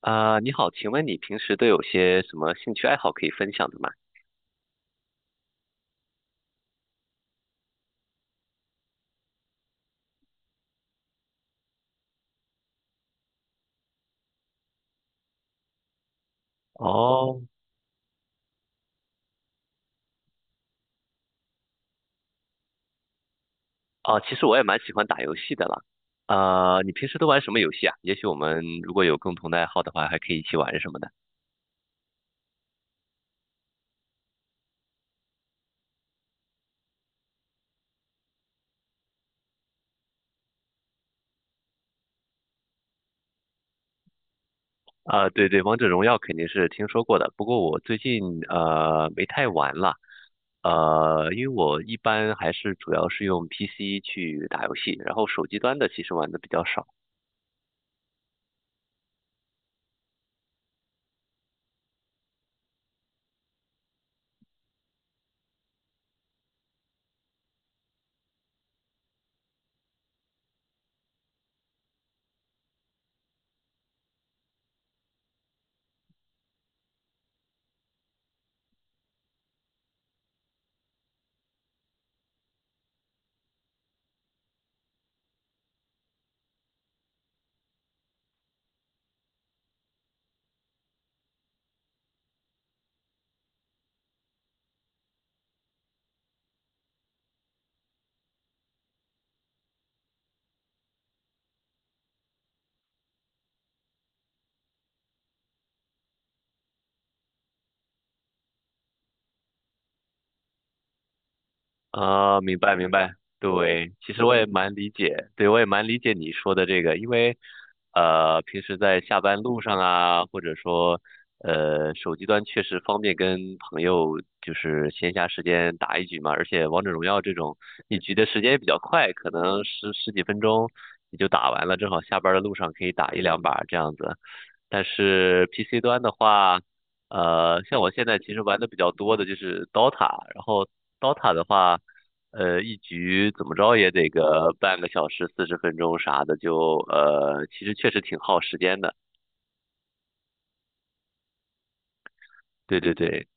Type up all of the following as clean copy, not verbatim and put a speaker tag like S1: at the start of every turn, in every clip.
S1: 啊，你好，请问你平时都有些什么兴趣爱好可以分享的吗？哦，哦，其实我也蛮喜欢打游戏的啦。啊，你平时都玩什么游戏啊？也许我们如果有共同的爱好的话，还可以一起玩什么的。啊，对对，王者荣耀肯定是听说过的，不过我最近没太玩了。因为我一般还是主要是用 PC 去打游戏，然后手机端的其实玩的比较少。啊，明白明白，对，其实我也蛮理解，对我也蛮理解你说的这个，因为平时在下班路上啊，或者说手机端确实方便跟朋友就是闲暇时间打一局嘛，而且王者荣耀这种一局的时间也比较快，可能十几分钟你就打完了，正好下班的路上可以打一两把这样子。但是 PC 端的话，像我现在其实玩的比较多的就是 DOTA,然后 DOTA 的话，一局怎么着也得个半个小时、40分钟啥的，其实确实挺耗时间的。对对对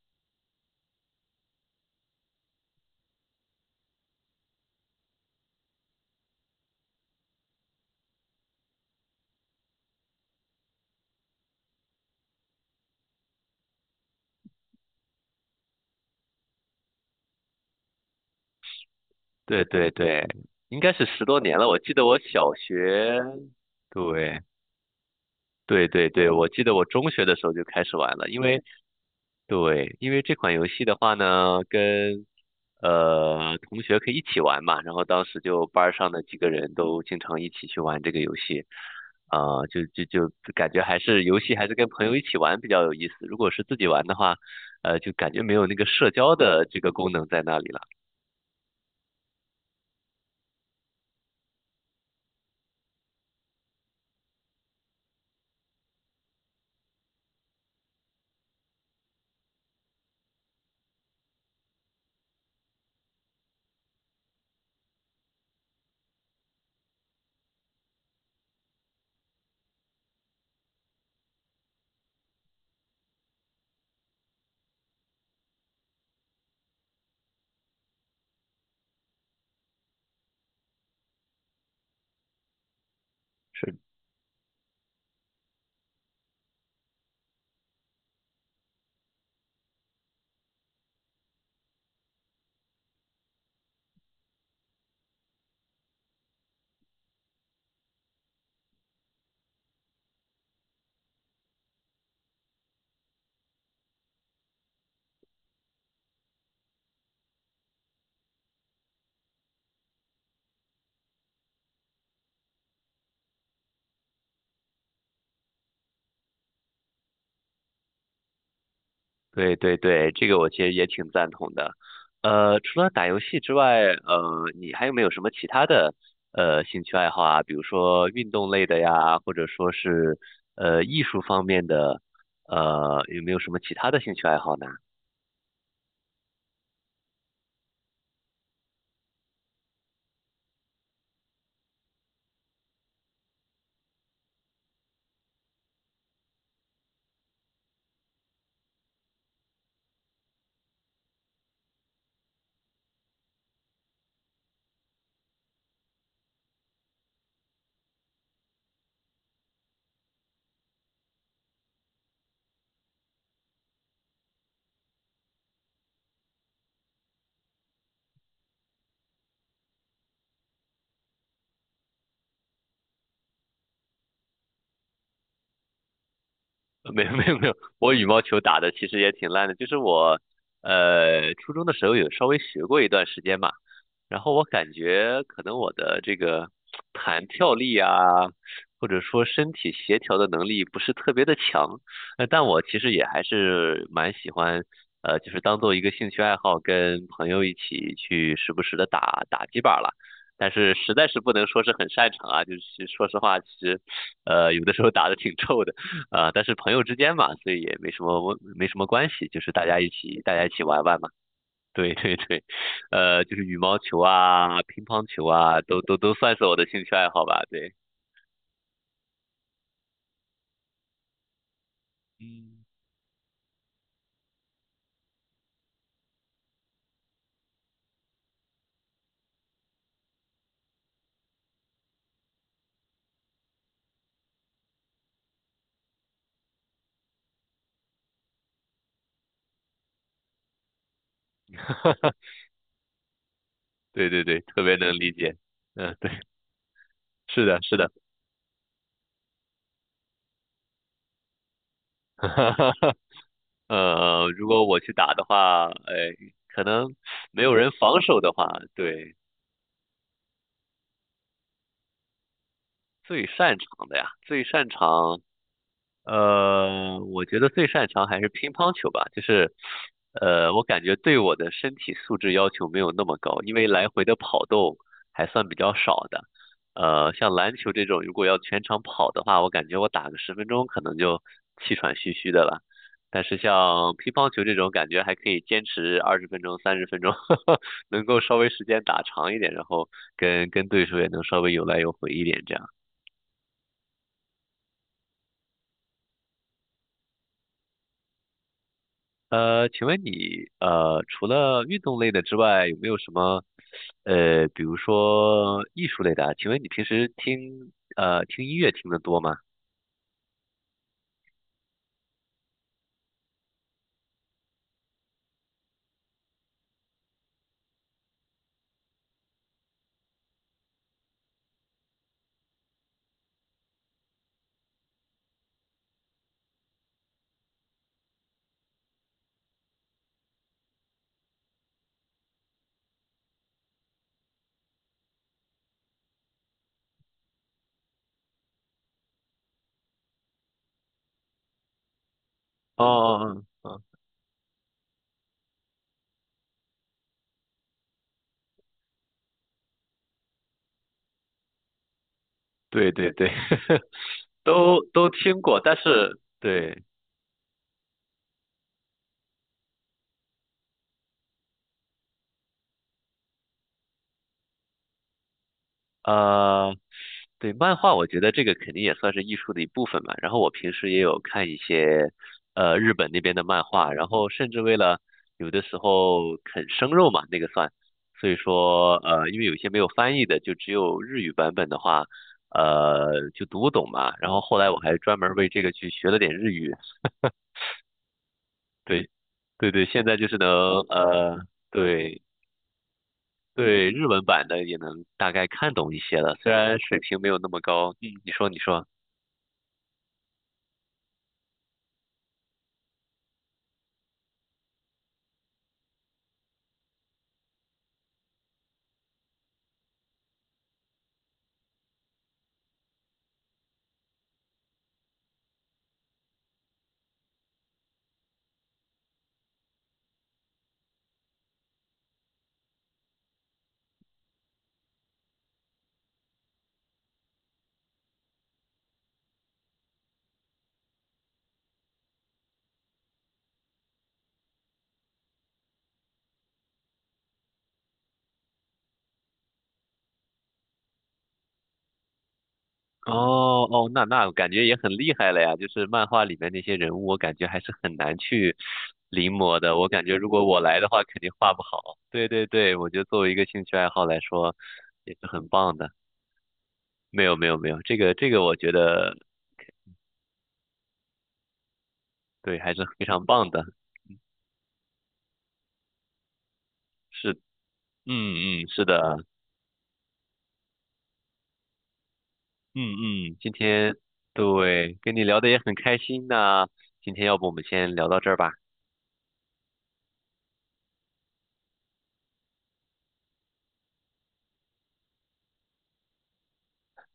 S1: 对对对，应该是十多年了。我记得我小学，对对对对，我记得我中学的时候就开始玩了，因为对，因为这款游戏的话呢，跟同学可以一起玩嘛，然后当时就班儿上的几个人都经常一起去玩这个游戏，啊、就感觉还是游戏还是跟朋友一起玩比较有意思，如果是自己玩的话，就感觉没有那个社交的这个功能在那里了。是。对对对，这个我其实也挺赞同的。除了打游戏之外，你还有没有什么其他的兴趣爱好啊？比如说运动类的呀，或者说是艺术方面的，有没有什么其他的兴趣爱好呢？没有没有没有，我羽毛球打的其实也挺烂的，就是我初中的时候有稍微学过一段时间嘛，然后我感觉可能我的这个弹跳力啊，或者说身体协调的能力不是特别的强，但我其实也还是蛮喜欢，就是当做一个兴趣爱好，跟朋友一起去时不时的打打几把了。但是实在是不能说是很擅长啊，就是说实话，其实，有的时候打的挺臭的，但是朋友之间嘛，所以也没什么关系，就是大家一起玩玩嘛。对对对，就是羽毛球啊、乒乓球啊，都算是我的兴趣爱好吧。对，对对对，特别能理解。嗯，对，是的，是的。如果我去打的话，哎，可能没有人防守的话，对，最擅长的呀，最擅长。我觉得最擅长还是乒乓球吧，就是，我感觉对我的身体素质要求没有那么高，因为来回的跑动还算比较少的。像篮球这种，如果要全场跑的话，我感觉我打个十分钟可能就气喘吁吁的了。但是像乒乓球这种，感觉还可以坚持20分钟、30分钟，能够稍微时间打长一点，然后跟对手也能稍微有来有回一点这样。请问你除了运动类的之外，有没有什么比如说艺术类的啊？请问你平时听音乐听得多吗？哦哦哦，哦对对对，都听过，但是对呃，对，漫画我觉得这个肯定也算是艺术的一部分嘛。然后我平时也有看一些日本那边的漫画，然后甚至为了有的时候啃生肉嘛，那个算，所以说因为有一些没有翻译的，就只有日语版本的话，就读不懂嘛。然后后来我还专门为这个去学了点日语，对，对对，现在就是能呃，对。对日文版的也能大概看懂一些了，虽然水平没有那么高。嗯你说，你说。哦哦，那感觉也很厉害了呀！就是漫画里面那些人物，我感觉还是很难去临摹的。我感觉如果我来的话，肯定画不好。对对对，我觉得作为一个兴趣爱好来说，也是很棒的。没有没有没有，这个我觉得对，还是非常棒的。是，嗯嗯，是的，嗯嗯，今天对跟你聊的也很开心那今天要不我们先聊到这儿吧，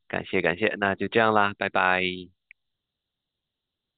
S1: 感谢感谢，那就这样啦，拜拜。